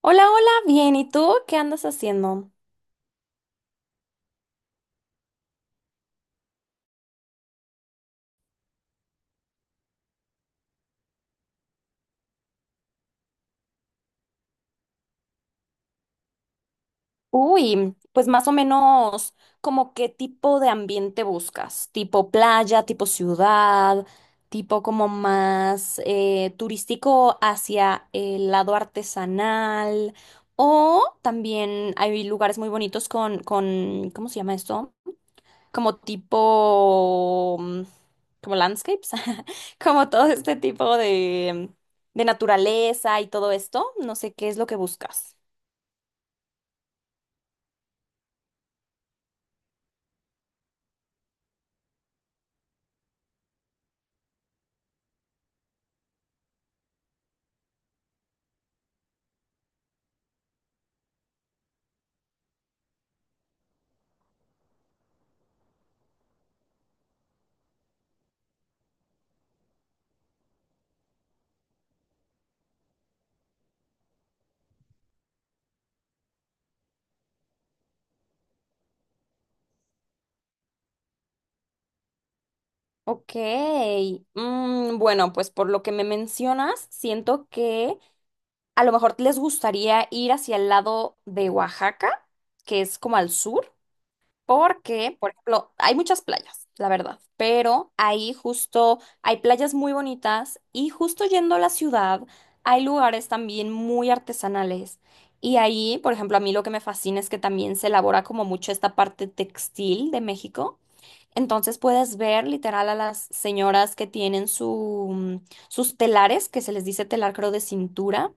Hola, hola, bien. ¿Y tú qué andas haciendo? Uy, pues más o menos como qué tipo de ambiente buscas, tipo playa, tipo ciudad, tipo como más turístico hacia el lado artesanal o también hay lugares muy bonitos con, ¿cómo se llama esto? Como tipo, como landscapes, como todo este tipo de naturaleza y todo esto. No sé qué es lo que buscas. Ok, bueno, pues por lo que me mencionas, siento que a lo mejor les gustaría ir hacia el lado de Oaxaca, que es como al sur. Porque, por ejemplo, hay muchas playas, la verdad, pero ahí justo hay playas muy bonitas y justo yendo a la ciudad hay lugares también muy artesanales. Y ahí, por ejemplo, a mí lo que me fascina es que también se elabora como mucho esta parte textil de México. Entonces puedes ver literal a las señoras que tienen su, sus telares, que se les dice telar creo de cintura,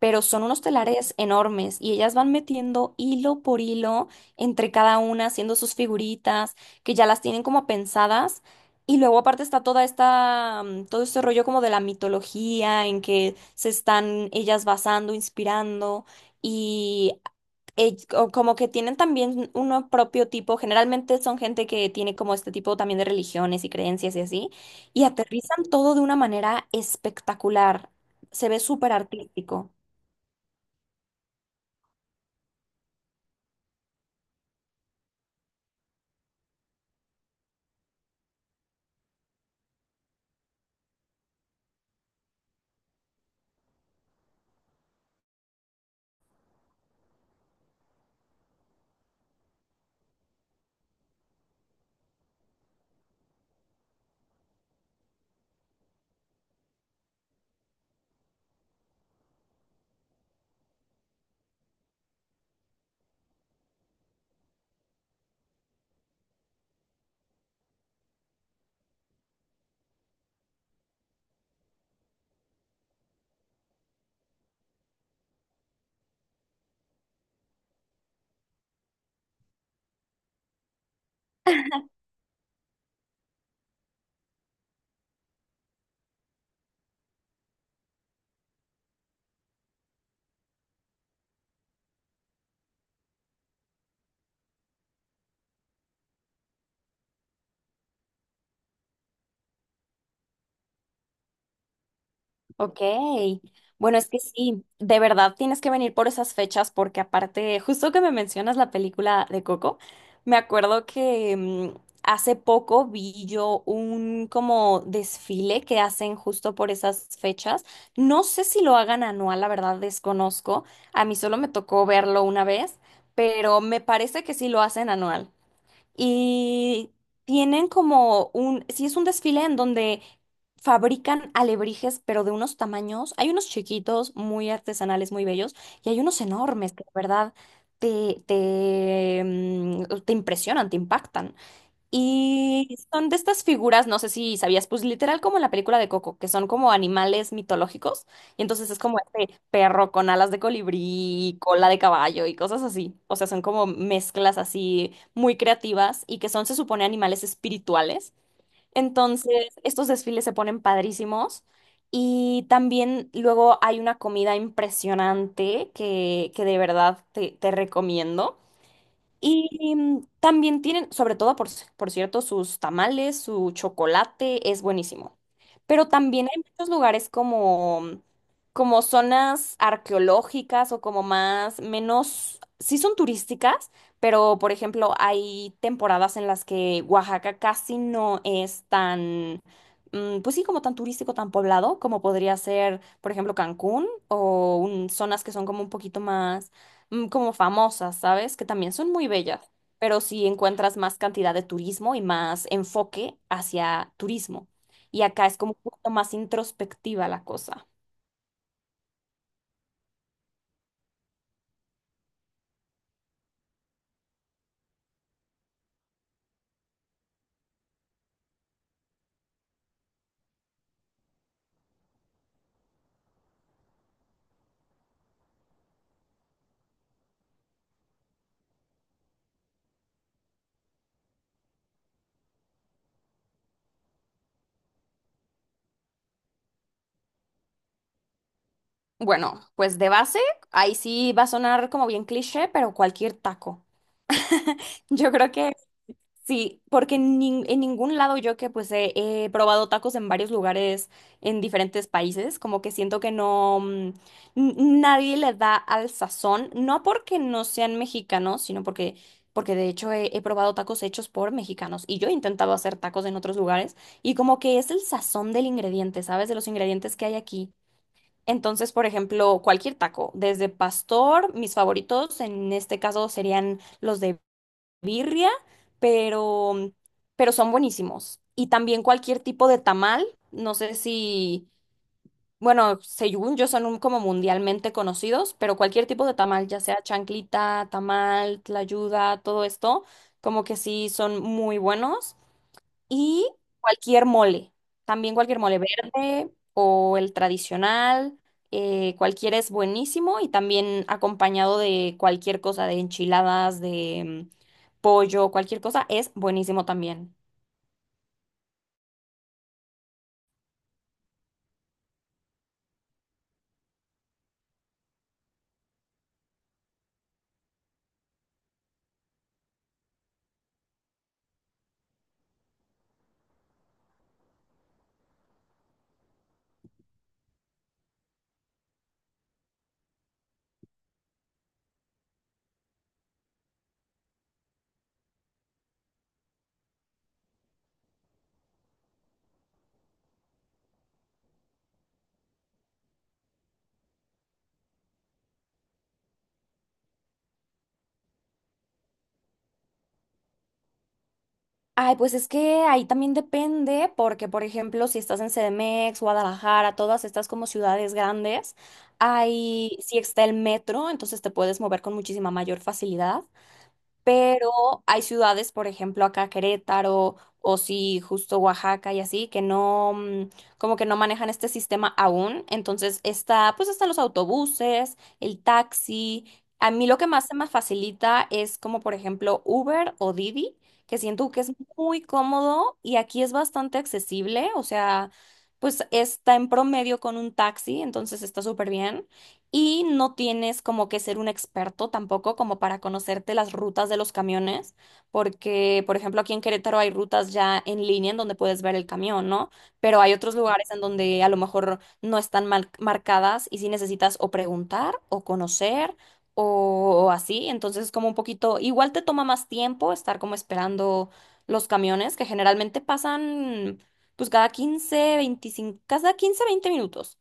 pero son unos telares enormes y ellas van metiendo hilo por hilo entre cada una, haciendo sus figuritas, que ya las tienen como pensadas. Y luego aparte está toda esta, todo este rollo como de la mitología en que se están ellas basando, inspirando. Y como que tienen también uno propio tipo, generalmente son gente que tiene como este tipo también de religiones y creencias y así, y aterrizan todo de una manera espectacular, se ve súper artístico. Ok, bueno, es que sí, de verdad tienes que venir por esas fechas porque aparte, justo que me mencionas la película de Coco, me acuerdo que hace poco vi yo un como desfile que hacen justo por esas fechas. No sé si lo hagan anual, la verdad desconozco. A mí solo me tocó verlo una vez, pero me parece que sí lo hacen anual y tienen como un, sí, es un desfile en donde fabrican alebrijes, pero de unos tamaños, hay unos chiquitos, muy artesanales, muy bellos, y hay unos enormes que de verdad te impresionan, te impactan. Y son de estas figuras, no sé si sabías, pues literal como en la película de Coco, que son como animales mitológicos. Y entonces es como este perro con alas de colibrí, cola de caballo y cosas así. O sea, son como mezclas así muy creativas y que son, se supone, animales espirituales. Entonces, estos desfiles se ponen padrísimos. Y también luego hay una comida impresionante que de verdad te recomiendo. Y también tienen, sobre todo, por, por cierto, sus tamales, su chocolate es buenísimo. Pero también hay muchos lugares como, como zonas arqueológicas o como más, menos, sí son turísticas, pero por ejemplo hay temporadas en las que Oaxaca casi no es tan, pues sí, como tan turístico, tan poblado, como podría ser, por ejemplo, Cancún o zonas que son como un poquito más como famosas, ¿sabes? Que también son muy bellas, pero sí encuentras más cantidad de turismo y más enfoque hacia turismo. Y acá es como un poco más introspectiva la cosa. Bueno, pues de base, ahí sí va a sonar como bien cliché, pero cualquier taco. Yo creo que sí, porque en, en ningún lado yo que pues he probado tacos en varios lugares en diferentes países, como que siento que no, n- nadie le da al sazón, no porque no sean mexicanos, sino porque, porque de hecho he probado tacos hechos por mexicanos y yo he intentado hacer tacos en otros lugares y como que es el sazón del ingrediente, ¿sabes? De los ingredientes que hay aquí. Entonces, por ejemplo, cualquier taco, desde pastor, mis favoritos en este caso serían los de birria, pero, pero son buenísimos. Y también cualquier tipo de tamal, no sé si, bueno, según yo son como mundialmente conocidos, pero cualquier tipo de tamal, ya sea chanclita, tamal, tlayuda, todo esto, como que sí son muy buenos. Y cualquier mole, también cualquier mole verde o el tradicional, cualquiera es buenísimo y también acompañado de cualquier cosa, de enchiladas, de pollo, cualquier cosa, es buenísimo también. Ay, pues es que ahí también depende, porque por ejemplo, si estás en CDMX, Guadalajara, todas estas como ciudades grandes, ahí sí está el metro, entonces te puedes mover con muchísima mayor facilidad. Pero hay ciudades, por ejemplo, acá Querétaro o sí, justo Oaxaca y así, que no, como que no manejan este sistema aún. Entonces está, pues están los autobuses, el taxi. A mí lo que más se me facilita es como, por ejemplo, Uber o Didi, que siento que es muy cómodo y aquí es bastante accesible, o sea, pues está en promedio con un taxi, entonces está súper bien. Y no tienes como que ser un experto tampoco como para conocerte las rutas de los camiones, porque, por ejemplo, aquí en Querétaro hay rutas ya en línea en donde puedes ver el camión, ¿no? Pero hay otros lugares en donde a lo mejor no están marcadas y sí necesitas o preguntar o conocer o así. Entonces es como un poquito, igual te toma más tiempo estar como esperando los camiones que generalmente pasan pues cada 15 25, cada 15 20 minutos.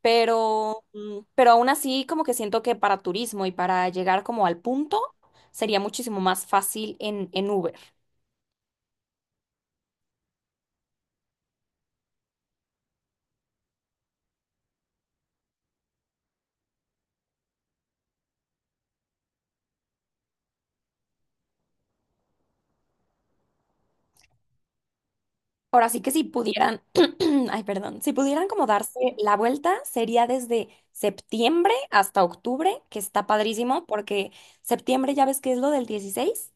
Pero, pero aún así, como que siento que para turismo y para llegar como al punto, sería muchísimo más fácil en Uber. Ahora sí que si pudieran, ay, perdón, si pudieran como darse la vuelta, sería desde septiembre hasta octubre, que está padrísimo, porque septiembre ya ves que es lo del 16.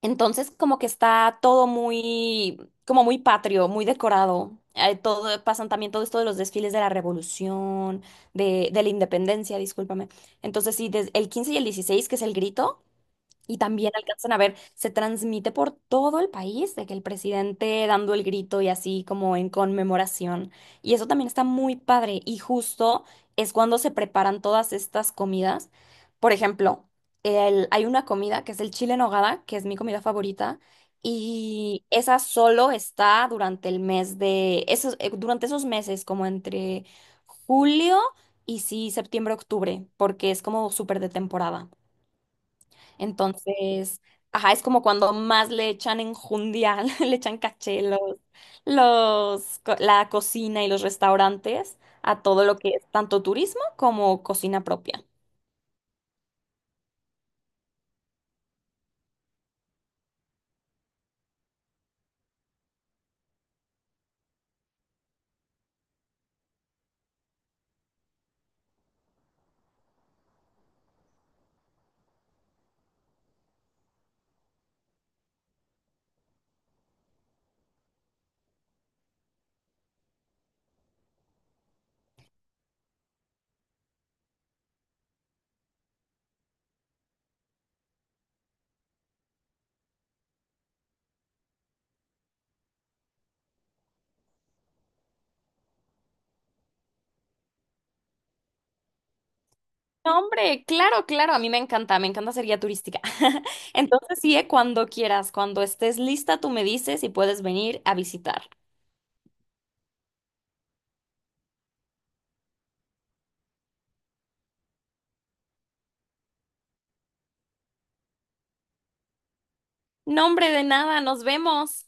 Entonces, como que está todo muy, como muy patrio, muy decorado. Todo, pasan también todo esto de los desfiles de la Revolución, de la Independencia, discúlpame. Entonces, sí, el 15 y el 16 que es el grito. Y también alcanzan a ver, se transmite por todo el país de que el presidente dando el grito y así como en conmemoración. Y eso también está muy padre. Y justo es cuando se preparan todas estas comidas. Por ejemplo, hay una comida que es el chile en nogada, que es mi comida favorita. Y esa solo está durante el mes de, esos, durante esos meses, como entre julio y sí, septiembre, octubre, porque es como súper de temporada. Entonces, ajá, es como cuando más le echan enjundia, le echan caché la cocina y los restaurantes a todo lo que es tanto turismo como cocina propia. No, hombre, claro, claro, a mí me encanta ser guía turística. Entonces, sí, cuando quieras, cuando estés lista, tú me dices y puedes venir a visitar. No, hombre, de nada, nos vemos.